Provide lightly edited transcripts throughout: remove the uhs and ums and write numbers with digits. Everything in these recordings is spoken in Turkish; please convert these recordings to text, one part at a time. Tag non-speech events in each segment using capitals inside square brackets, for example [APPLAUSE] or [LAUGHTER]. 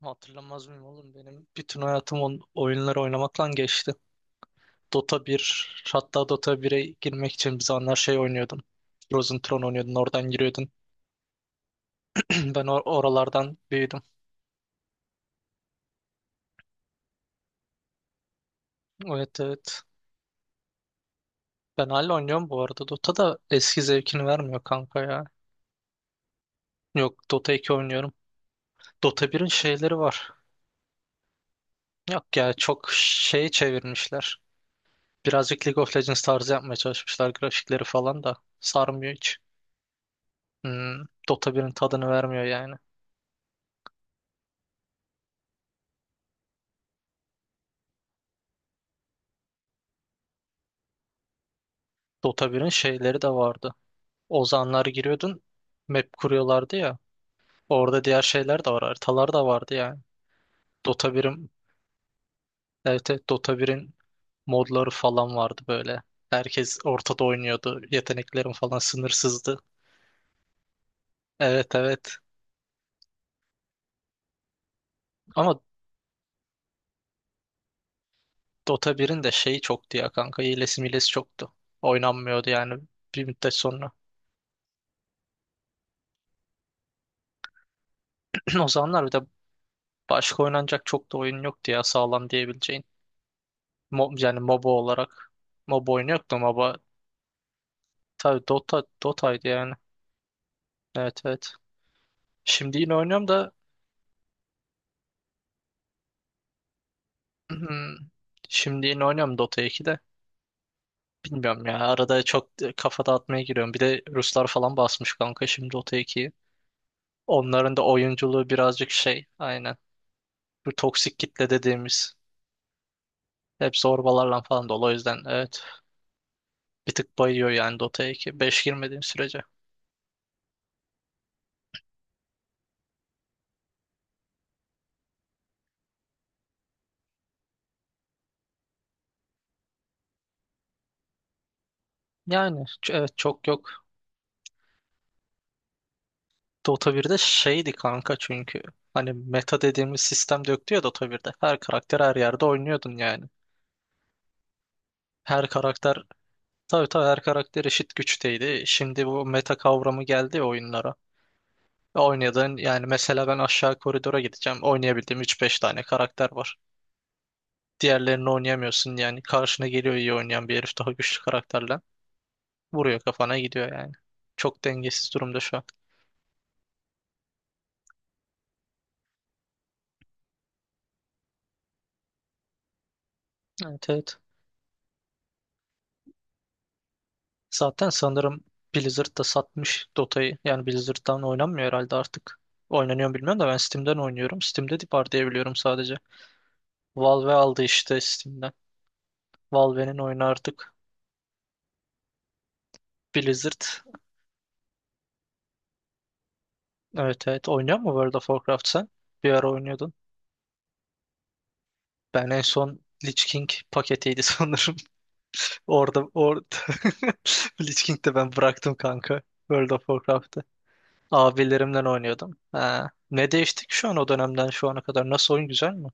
Hatırlamaz mıyım oğlum? Benim bütün hayatım oyunlar oynamakla geçti. Dota 1 hatta Dota 1'e girmek için bir zamanlar şey oynuyordum. Frozen Throne oynuyordun, oradan giriyordun. [CLEARS THROAT] Ben oralardan büyüdüm. Evet evet. Ben hala oynuyorum bu arada. Dota da eski zevkini vermiyor kanka ya. Yok Dota 2 oynuyorum. Dota 1'in şeyleri var. Yok ya çok şey çevirmişler. Birazcık League of Legends tarzı yapmaya çalışmışlar grafikleri falan da. Sarmıyor hiç. Hmm, Dota 1'in tadını vermiyor yani. Dota 1'in şeyleri de vardı. Ozanlar giriyordun. Map kuruyorlardı ya. Orada diğer şeyler de var. Haritalar da vardı yani. Dota 1'in evet, evet, Dota 1'in modları falan vardı böyle. Herkes ortada oynuyordu. Yeteneklerin falan sınırsızdı. Evet evet. Ama Dota 1'in de şeyi çoktu ya kanka. Hilesi milesi çoktu. Oynanmıyordu yani bir müddet sonra. [CLEARS THROAT] O zamanlar bir de başka oynanacak çok da oyun yoktu ya sağlam diyebileceğin. Yani MOBA olarak. MOBA oyunu yoktu. Tabii Dota Dota'ydı yani. Evet evet. Şimdi yine oynuyorum da. [CLEARS THROAT] Şimdi yine oynuyorum Dota 2 de. Bilmiyorum ya. Arada çok kafa dağıtmaya giriyorum. Bir de Ruslar falan basmış kanka şimdi Dota 2'yi. Onların da oyunculuğu birazcık şey. Aynen. Bu toksik kitle dediğimiz. Hep zorbalarla falan dolu. O yüzden evet. Bir tık bayıyor yani Dota 2. 5 girmediğim sürece. Yani evet, çok yok. Dota 1'de şeydi kanka çünkü. Hani meta dediğimiz sistem de yoktu ya Dota 1'de. Her karakter her yerde oynuyordun yani. Her karakter tabii tabii her karakter eşit güçteydi. Şimdi bu meta kavramı geldi ya oyunlara. Oynadığın yani mesela ben aşağı koridora gideceğim. Oynayabildiğim üç beş tane karakter var. Diğerlerini oynayamıyorsun yani. Karşına geliyor iyi oynayan bir herif daha güçlü karakterle. Vuruyor kafana gidiyor yani. Çok dengesiz durumda şu an. Evet evet. Zaten sanırım Blizzard da satmış Dota'yı. Yani Blizzard'dan oynanmıyor herhalde artık. Oynanıyor mu bilmiyorum da ben Steam'den oynuyorum. Steam'de var diye biliyorum sadece. Valve aldı işte Steam'den. Valve'nin oyunu artık. Blizzard. Evet evet. Oynuyor mu World of Warcraft sen? Bir ara oynuyordun. Ben en son Lich King paketiydi [LAUGHS] sanırım. Orada [LAUGHS] Lich King'de ben bıraktım kanka. World of Warcraft'ı. Abilerimden oynuyordum. Ha. Ne değişti ki şu an o dönemden şu ana kadar? Nasıl oyun güzel mi?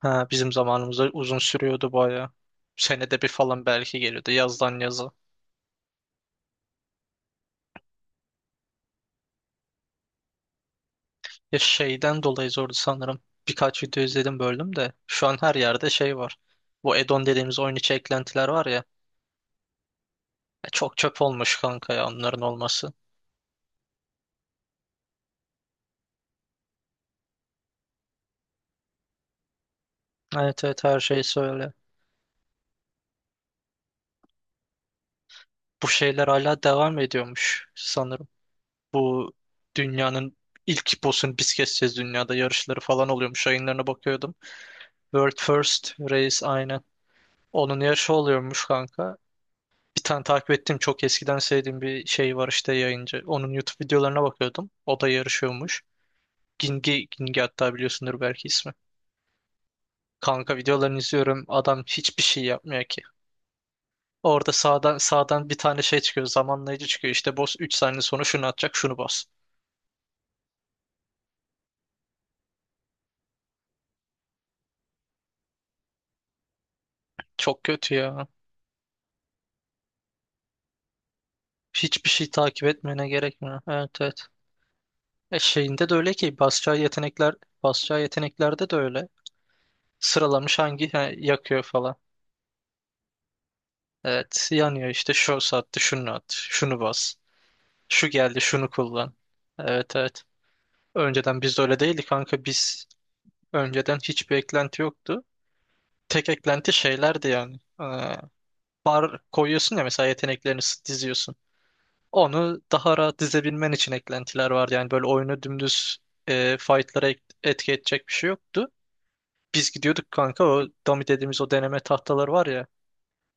Ha, bizim zamanımızda uzun sürüyordu bayağı. Senede bir falan belki geliyordu yazdan yaza. Ya şeyden dolayı zordu sanırım. Birkaç video izledim böldüm de. Şu an her yerde şey var. Bu add-on dediğimiz oyun içi eklentiler var ya. Ya çok çöp olmuş kanka ya onların olması. Evet evet her şey söyle. Bu şeyler hala devam ediyormuş sanırım. Bu dünyanın ilk boss'un biz keseceğiz dünyada yarışları falan oluyormuş. Yayınlarına bakıyordum. World First Race aynen. Onun yarışı oluyormuş kanka. Bir tane takip ettiğim çok eskiden sevdiğim bir şey var işte yayıncı. Onun YouTube videolarına bakıyordum. O da yarışıyormuş. Gingi hatta biliyorsundur belki ismi. Kanka videolarını izliyorum. Adam hiçbir şey yapmıyor ki. Orada sağdan bir tane şey çıkıyor. Zamanlayıcı çıkıyor. İşte boss 3 saniye sonra şunu atacak şunu bas. Çok kötü ya. Hiçbir şey takip etmene gerek mi? Evet evet. E şeyinde de öyle ki basacağı yeteneklerde de öyle. Sıralamış hangi yakıyor falan. Evet yanıyor işte şu saatte şunu at, şunu bas, şu geldi şunu kullan. Evet evet. Önceden biz de öyle değildik kanka, biz önceden hiçbir eklenti yoktu. Tek eklenti şeylerdi yani. Ee, bar koyuyorsun ya mesela yeteneklerini diziyorsun. Onu daha rahat dizebilmen için eklentiler vardı. Yani böyle oyunu dümdüz fightlara etki edecek bir şey yoktu. Biz gidiyorduk kanka o dummy dediğimiz o deneme tahtaları var ya.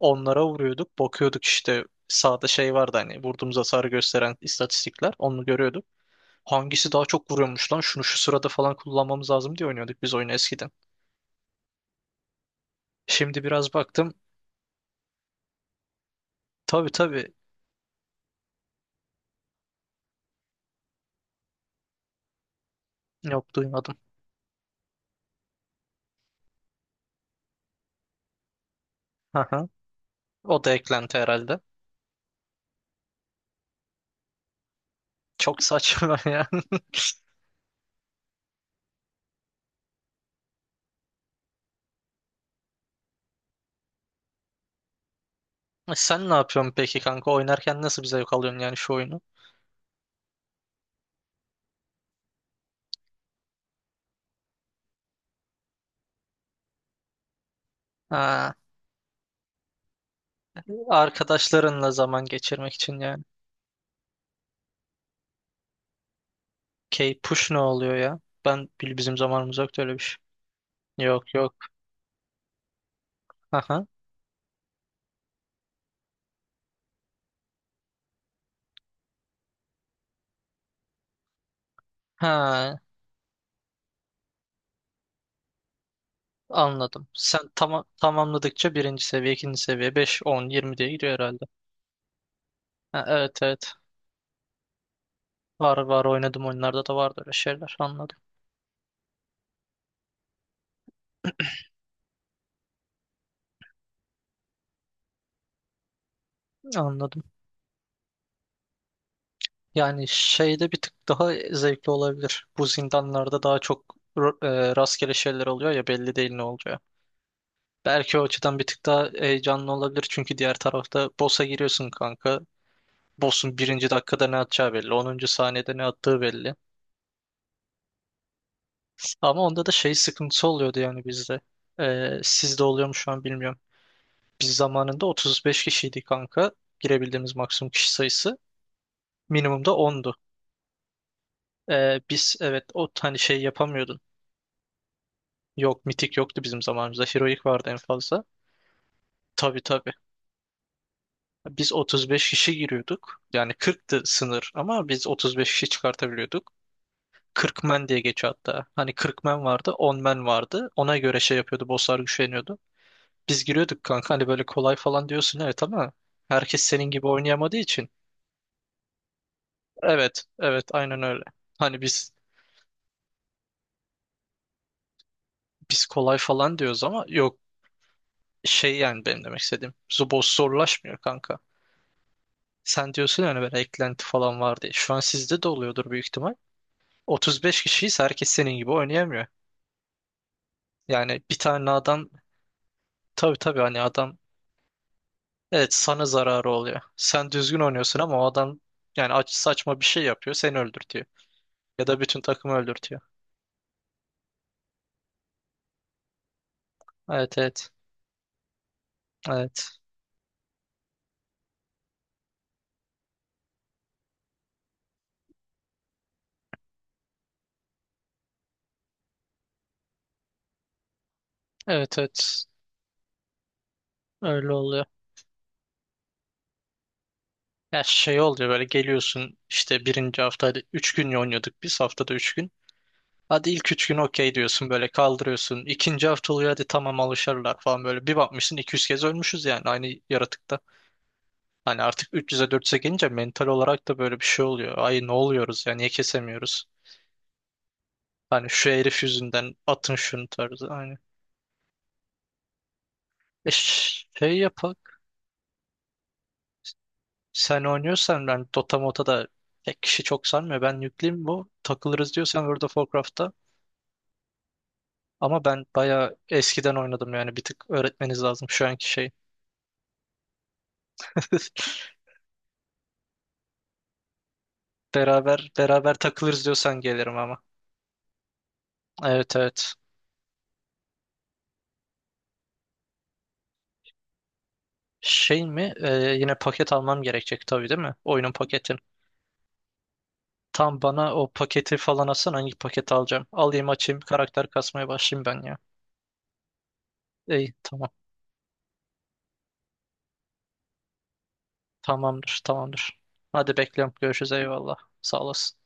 Onlara vuruyorduk. Bakıyorduk işte sağda şey vardı hani vurduğumuz hasarı gösteren istatistikler. Onu görüyorduk. Hangisi daha çok vuruyormuş lan? Şunu şu sırada falan kullanmamız lazım diye oynuyorduk biz oyunu eskiden. Şimdi biraz baktım. Tabii tabii. Yok duymadım. Aha. O da eklenti herhalde. Çok saçma [LAUGHS] ya. E sen ne yapıyorsun peki kanka? Oynarken nasıl bir zevk alıyorsun yani şu oyunu? Ha, arkadaşlarınla zaman geçirmek için yani. Key push ne oluyor ya? Ben bizim zamanımız yoktu öyle bir şey. Yok yok. [LAUGHS] Ha, anladım. Sen tamamladıkça birinci seviye, ikinci seviye, 5 10 20 diye gidiyor herhalde. Ha, evet evet. Var var oynadım oyunlarda da vardı öyle şeyler. Anladım. Anladım. Yani şeyde bir tık daha zevkli olabilir. Bu zindanlarda daha çok ro- rastgele şeyler oluyor ya belli değil ne olacağı. Belki o açıdan bir tık daha heyecanlı olabilir. Çünkü diğer tarafta boss'a giriyorsun kanka. Boss'un birinci dakikada ne atacağı belli. Onuncu saniyede ne attığı belli. Ama onda da şey sıkıntısı oluyordu yani bizde. Sizde oluyor mu şu an bilmiyorum. Biz zamanında 35 kişiydik kanka. Girebildiğimiz maksimum kişi sayısı. Minimumda ondu. Biz evet o hani şey yapamıyordun. Yok mitik yoktu bizim zamanımızda. Heroic vardı en fazla. Tabii tabii. Biz 35 kişi giriyorduk. Yani 40'tı sınır ama biz 35 kişi çıkartabiliyorduk. 40 men diye geçiyor hatta. Hani 40 men vardı, 10 men vardı. Ona göre şey yapıyordu, bosslar güçleniyordu. Biz giriyorduk kanka hani böyle kolay falan diyorsun evet ama herkes senin gibi oynayamadığı için. Evet, evet aynen öyle. Hani biz kolay falan diyoruz ama yok şey yani benim demek istediğim. Zubos zorlaşmıyor kanka. Sen diyorsun yani böyle eklenti falan var diye. Şu an sizde de oluyordur büyük ihtimal. 35 kişiyiz herkes senin gibi oynayamıyor. Yani bir tane adam tabii tabii hani adam evet sana zararı oluyor. Sen düzgün oynuyorsun ama o adam yani aç, saçma bir şey yapıyor seni öldürtüyor. Ya da bütün takımı öldürtüyor. Evet evet. Evet. Evet evet. Öyle oluyor. Ya şey oluyor böyle geliyorsun işte birinci hafta hadi 3 gün oynuyorduk biz haftada 3 gün. Hadi ilk 3 gün okey diyorsun böyle kaldırıyorsun. İkinci hafta oluyor hadi tamam alışırlar falan böyle. Bir bakmışsın 200 kez ölmüşüz yani aynı yaratıkta. Hani artık 300'e 400'e gelince mental olarak da böyle bir şey oluyor. Ay ne oluyoruz ya niye kesemiyoruz? Hani şu herif yüzünden atın şunu tarzı. Aynı. E şey yapak. Sen oynuyorsan ben Dota Mota da pek kişi çok sanmıyor. Ben yükleyeyim bu. Takılırız diyorsan World of Warcraft'ta. Ama ben bayağı eskiden oynadım yani bir tık öğretmeniz lazım şu anki şey. [LAUGHS] Beraber beraber takılırız diyorsan gelirim ama. Evet evet. Şey mi? Yine paket almam gerekecek tabii değil mi? Oyunun paketin. Tam bana o paketi falan atsan hangi paketi alacağım? Alayım açayım karakter kasmaya başlayayım ben ya. İyi tamam. Tamamdır tamamdır. Hadi bekliyorum. Görüşürüz eyvallah. Sağ olasın.